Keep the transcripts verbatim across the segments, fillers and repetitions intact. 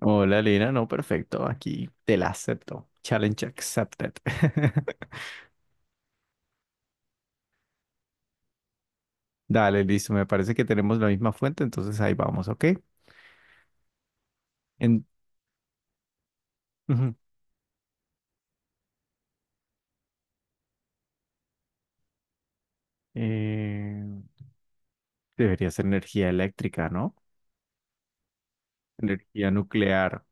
Hola, Lina. No, perfecto. Aquí te la acepto. Challenge accepted. Dale, listo. Me parece que tenemos la misma fuente, entonces ahí vamos, ¿ok? En, ujú. Eh, Debería ser energía eléctrica, ¿no? Energía nuclear.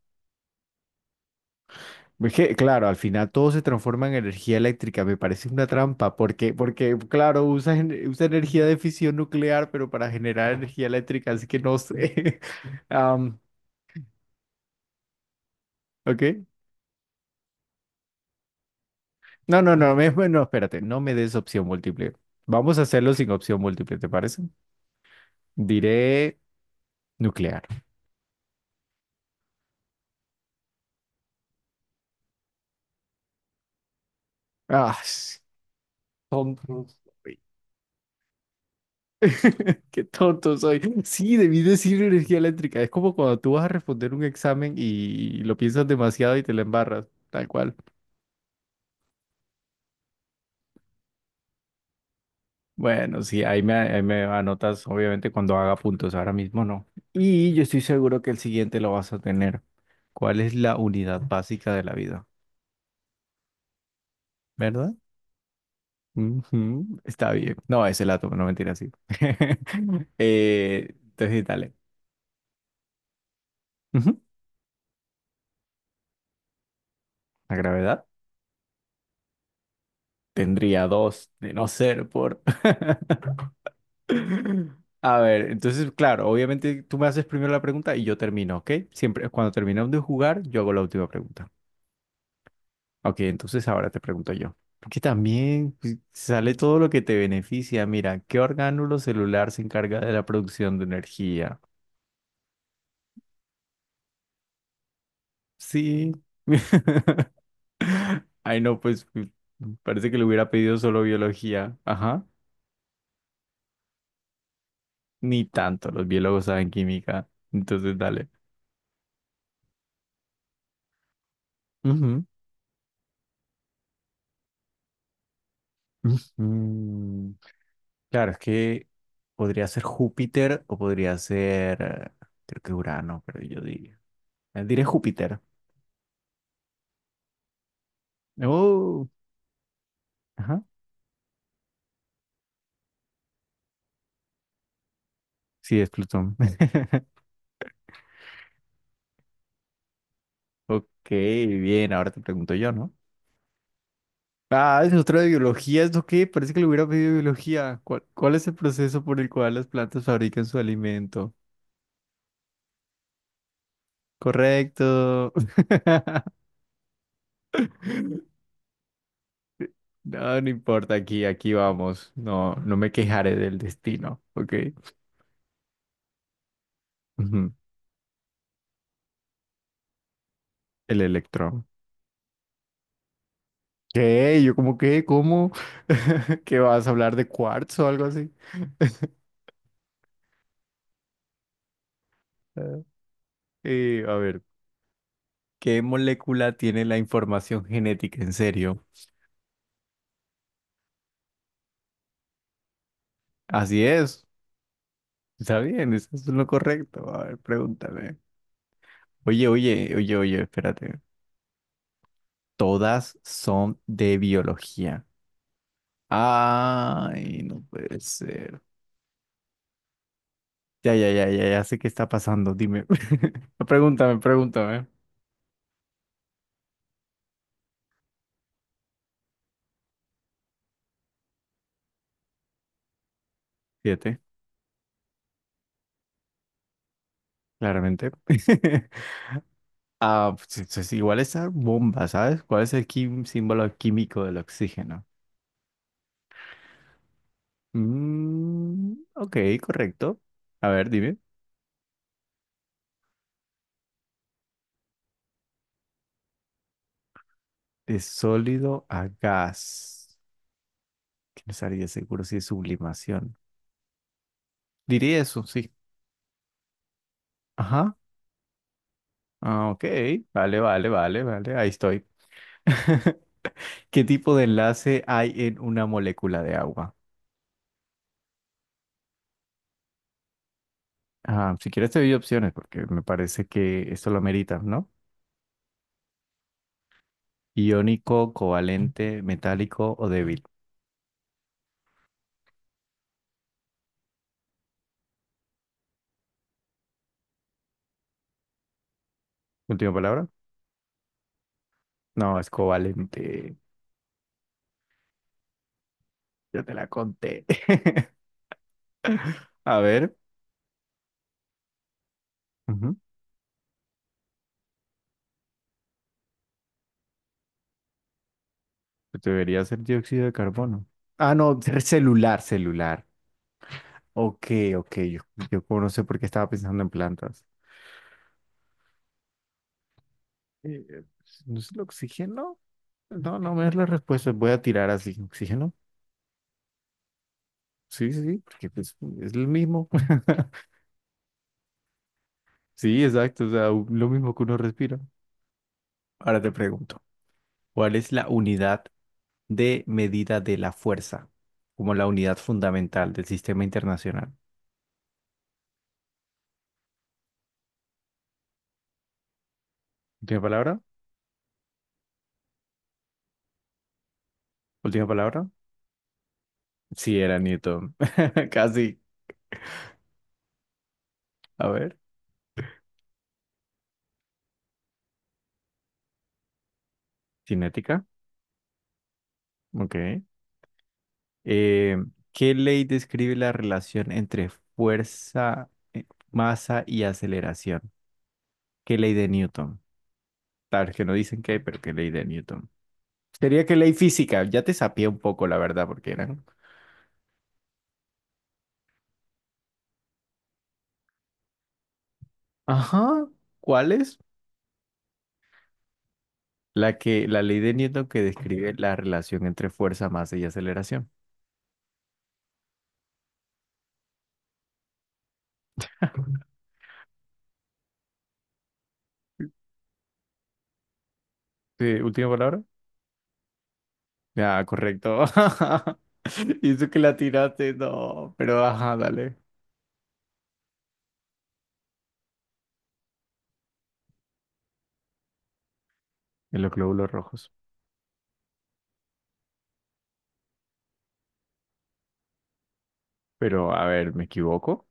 Es que, claro, al final todo se transforma en energía eléctrica. Me parece una trampa, porque, porque claro, usa, gen- usa energía de fisión nuclear, pero para generar energía eléctrica, así que no sé. Am, ¿ok? No, no, no, me- no, espérate, no me des opción múltiple. Vamos a hacerlo sin opción múltiple, ¿te parece? Diré nuclear. Ah, s- tonto soy. Qué tonto soy. Sí, debí decir energía eléctrica. Es como cuando tú vas a responder un examen y lo piensas demasiado y te la embarras, tal cual. Bueno, sí, ahí me, ahí me anotas, obviamente, cuando haga puntos. Ahora mismo no. Y yo estoy seguro que el siguiente lo vas a tener. ¿Cuál es la unidad básica de la vida? ¿Verdad? Ujú, está bien. No, ese la tomo, no mentira, sí. Eh, entonces, dale. Ujú, la gravedad tendría dos de no ser por. A ver, entonces, claro, obviamente tú me haces primero la pregunta y yo termino, ¿ok? Siempre, cuando terminamos de jugar, yo hago la última pregunta. Ok, entonces ahora te pregunto yo. Porque también pues, sale todo lo que te beneficia. Mira, ¿qué orgánulo celular se encarga de la producción de energía? Sí. Ay, no, pues parece que le hubiera pedido solo biología. Ajá. Ni tanto, los biólogos saben química. Entonces, dale. Ujú. Ujú. Claro, es que podría ser Júpiter o podría ser, eh, creo que Urano, pero yo diría. eh, Diré Júpiter. Oh, ajá. Sí, es Plutón. Ok, bien, ahora te pregunto yo, ¿no? Ah, es otra de biología, ¿esto qué? Parece que le hubiera pedido biología. ¿Cuál, cuál es el proceso por el cual las plantas fabrican su alimento? Correcto. No, no importa, aquí, aquí vamos. No, no me quejaré del destino, ¿ok? Ujú, el electrón. ¿Qué? ¿Yo como qué? ¿Cómo? ¿Qué vas a hablar de cuarzo o algo así? Ah. Eh, a ver, ¿qué molécula tiene la información genética? En serio. Así es. Está bien, eso es lo correcto. A ver, pregúntame. Oye, oye, oye, oye, espérate. Todas son de biología. Ay, no puede ser. Ya, ya, ya, ya, ya sé qué está pasando. Dime. Pregúntame, pregúntame. Siete, claramente. Ah, pues, es- es igual esa bomba, ¿sabes? ¿Cuál es el quim- símbolo químico del oxígeno? Mm, ok, correcto. A ver, dime. De sólido a gas. Que no estaría seguro si es sublimación. Diría eso, sí. Ajá. Ah, ok. Vale, vale, vale, vale. Ahí estoy. ¿Qué tipo de enlace hay en una molécula de agua? Ah, si quieres te doy opciones porque me parece que esto lo amerita, ¿no? Iónico, covalente, metálico o débil. ¿Última palabra? No, es covalente. Yo te la conté. A ver. Ujú. Pues debería ser dióxido de carbono. Ah, no, ser celular, celular. Ok, ok. Yo, yo como no sé por qué estaba pensando en plantas. Eh, pues, ¿no es el oxígeno? No, no me das la respuesta. Voy a tirar así. ¿Oxígeno? Sí, sí, sí, porque pues, es lo mismo. Sí, exacto, o sea, u- lo mismo que uno respira. Ahora te pregunto, ¿cuál es la unidad de medida de la fuerza como la unidad fundamental del sistema internacional? Última palabra, última palabra. Sí, era Newton. Casi. A ver, cinética. Ok. Eh, ¿Qué ley describe la relación entre fuerza, eh, masa y aceleración? ¿Qué ley de Newton? Tal vez que no dicen qué, pero ¿qué ley de Newton? Sería que ley física, ya te sapié un poco, la verdad, porque eran. Ajá, ¿cuál es? La que, la ley de Newton que describe la relación entre fuerza, masa y aceleración. Sí, última palabra. Ya, correcto. Y eso que la tiraste, no, pero ajá, dale. En los glóbulos rojos. Pero, a ver, ¿me equivoco?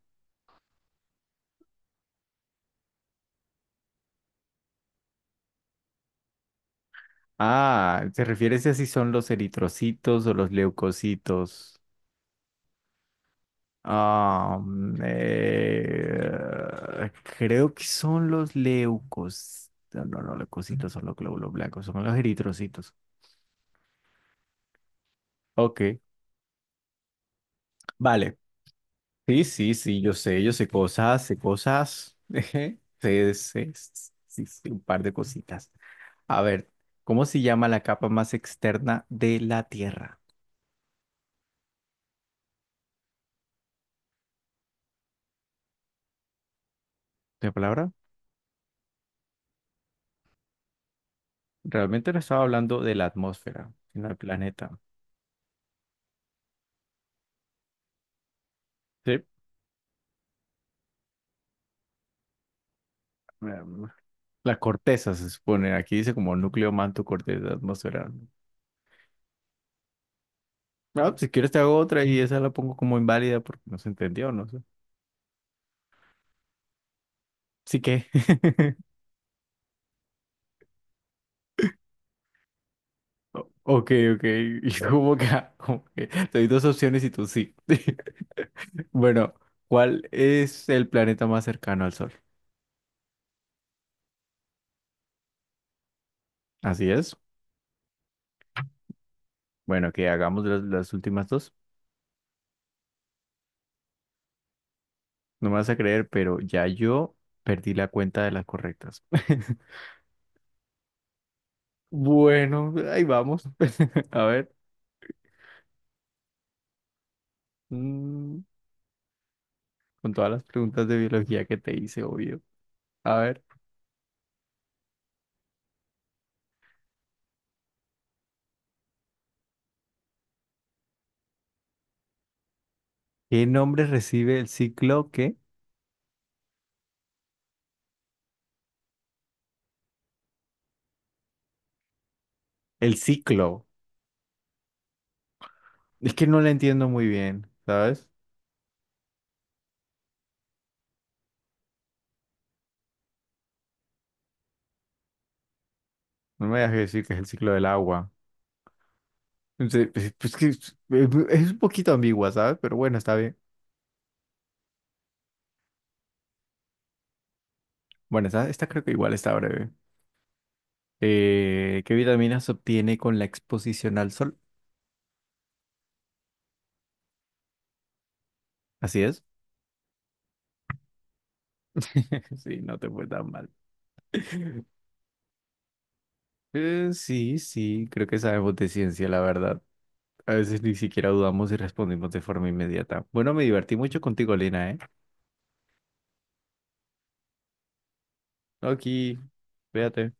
Ah, ¿te refieres a si son los eritrocitos o los leucocitos? Am, eh, Creo que son los leucos. No, no, no, leucocitos son los glóbulos blancos, son los eritrocitos. Ok, vale. Sí, sí, sí, yo sé, yo sé cosas, sé cosas. Sé, sé, sé, sí, sí, un par de cositas. A ver, ¿cómo se llama la capa más externa de la Tierra? ¿De palabra? Realmente no estaba hablando de la atmósfera, sino del planeta. Sí. La corteza se supone. Aquí dice como núcleo, manto, corteza atmosfera. ¿No? Ah, pues, si quieres te hago otra y esa la pongo como inválida porque no se entendió, no sé. Sí que. O- Ok, ok. Y como que, ah, como que te doy dos opciones y tú sí. Bueno, ¿cuál es el planeta más cercano al Sol? Así es. Bueno, que hagamos las, las últimas dos. No me vas a creer, pero ya yo perdí la cuenta de las correctas. Bueno, ahí vamos. A ver. Mm, con todas las preguntas de biología que te hice, obvio. A ver, ¿qué nombre recibe el ciclo qué? El ciclo. Es que no lo entiendo muy bien, ¿sabes? No me dejes decir que es el ciclo del agua. Entonces, Pues pues que es es un poquito ambigua, ¿sabes? Pero bueno, está bien. Bueno, esta, esta creo que igual está breve. Eh, ¿qué vitaminas se obtiene con la exposición al sol? Así es. Sí, no te fue tan mal. Eh, sí, sí, creo que sabemos de ciencia, la verdad. A veces ni siquiera dudamos y respondimos de forma inmediata. Bueno, me divertí mucho contigo, Lina, ¿eh? No, aquí, véate.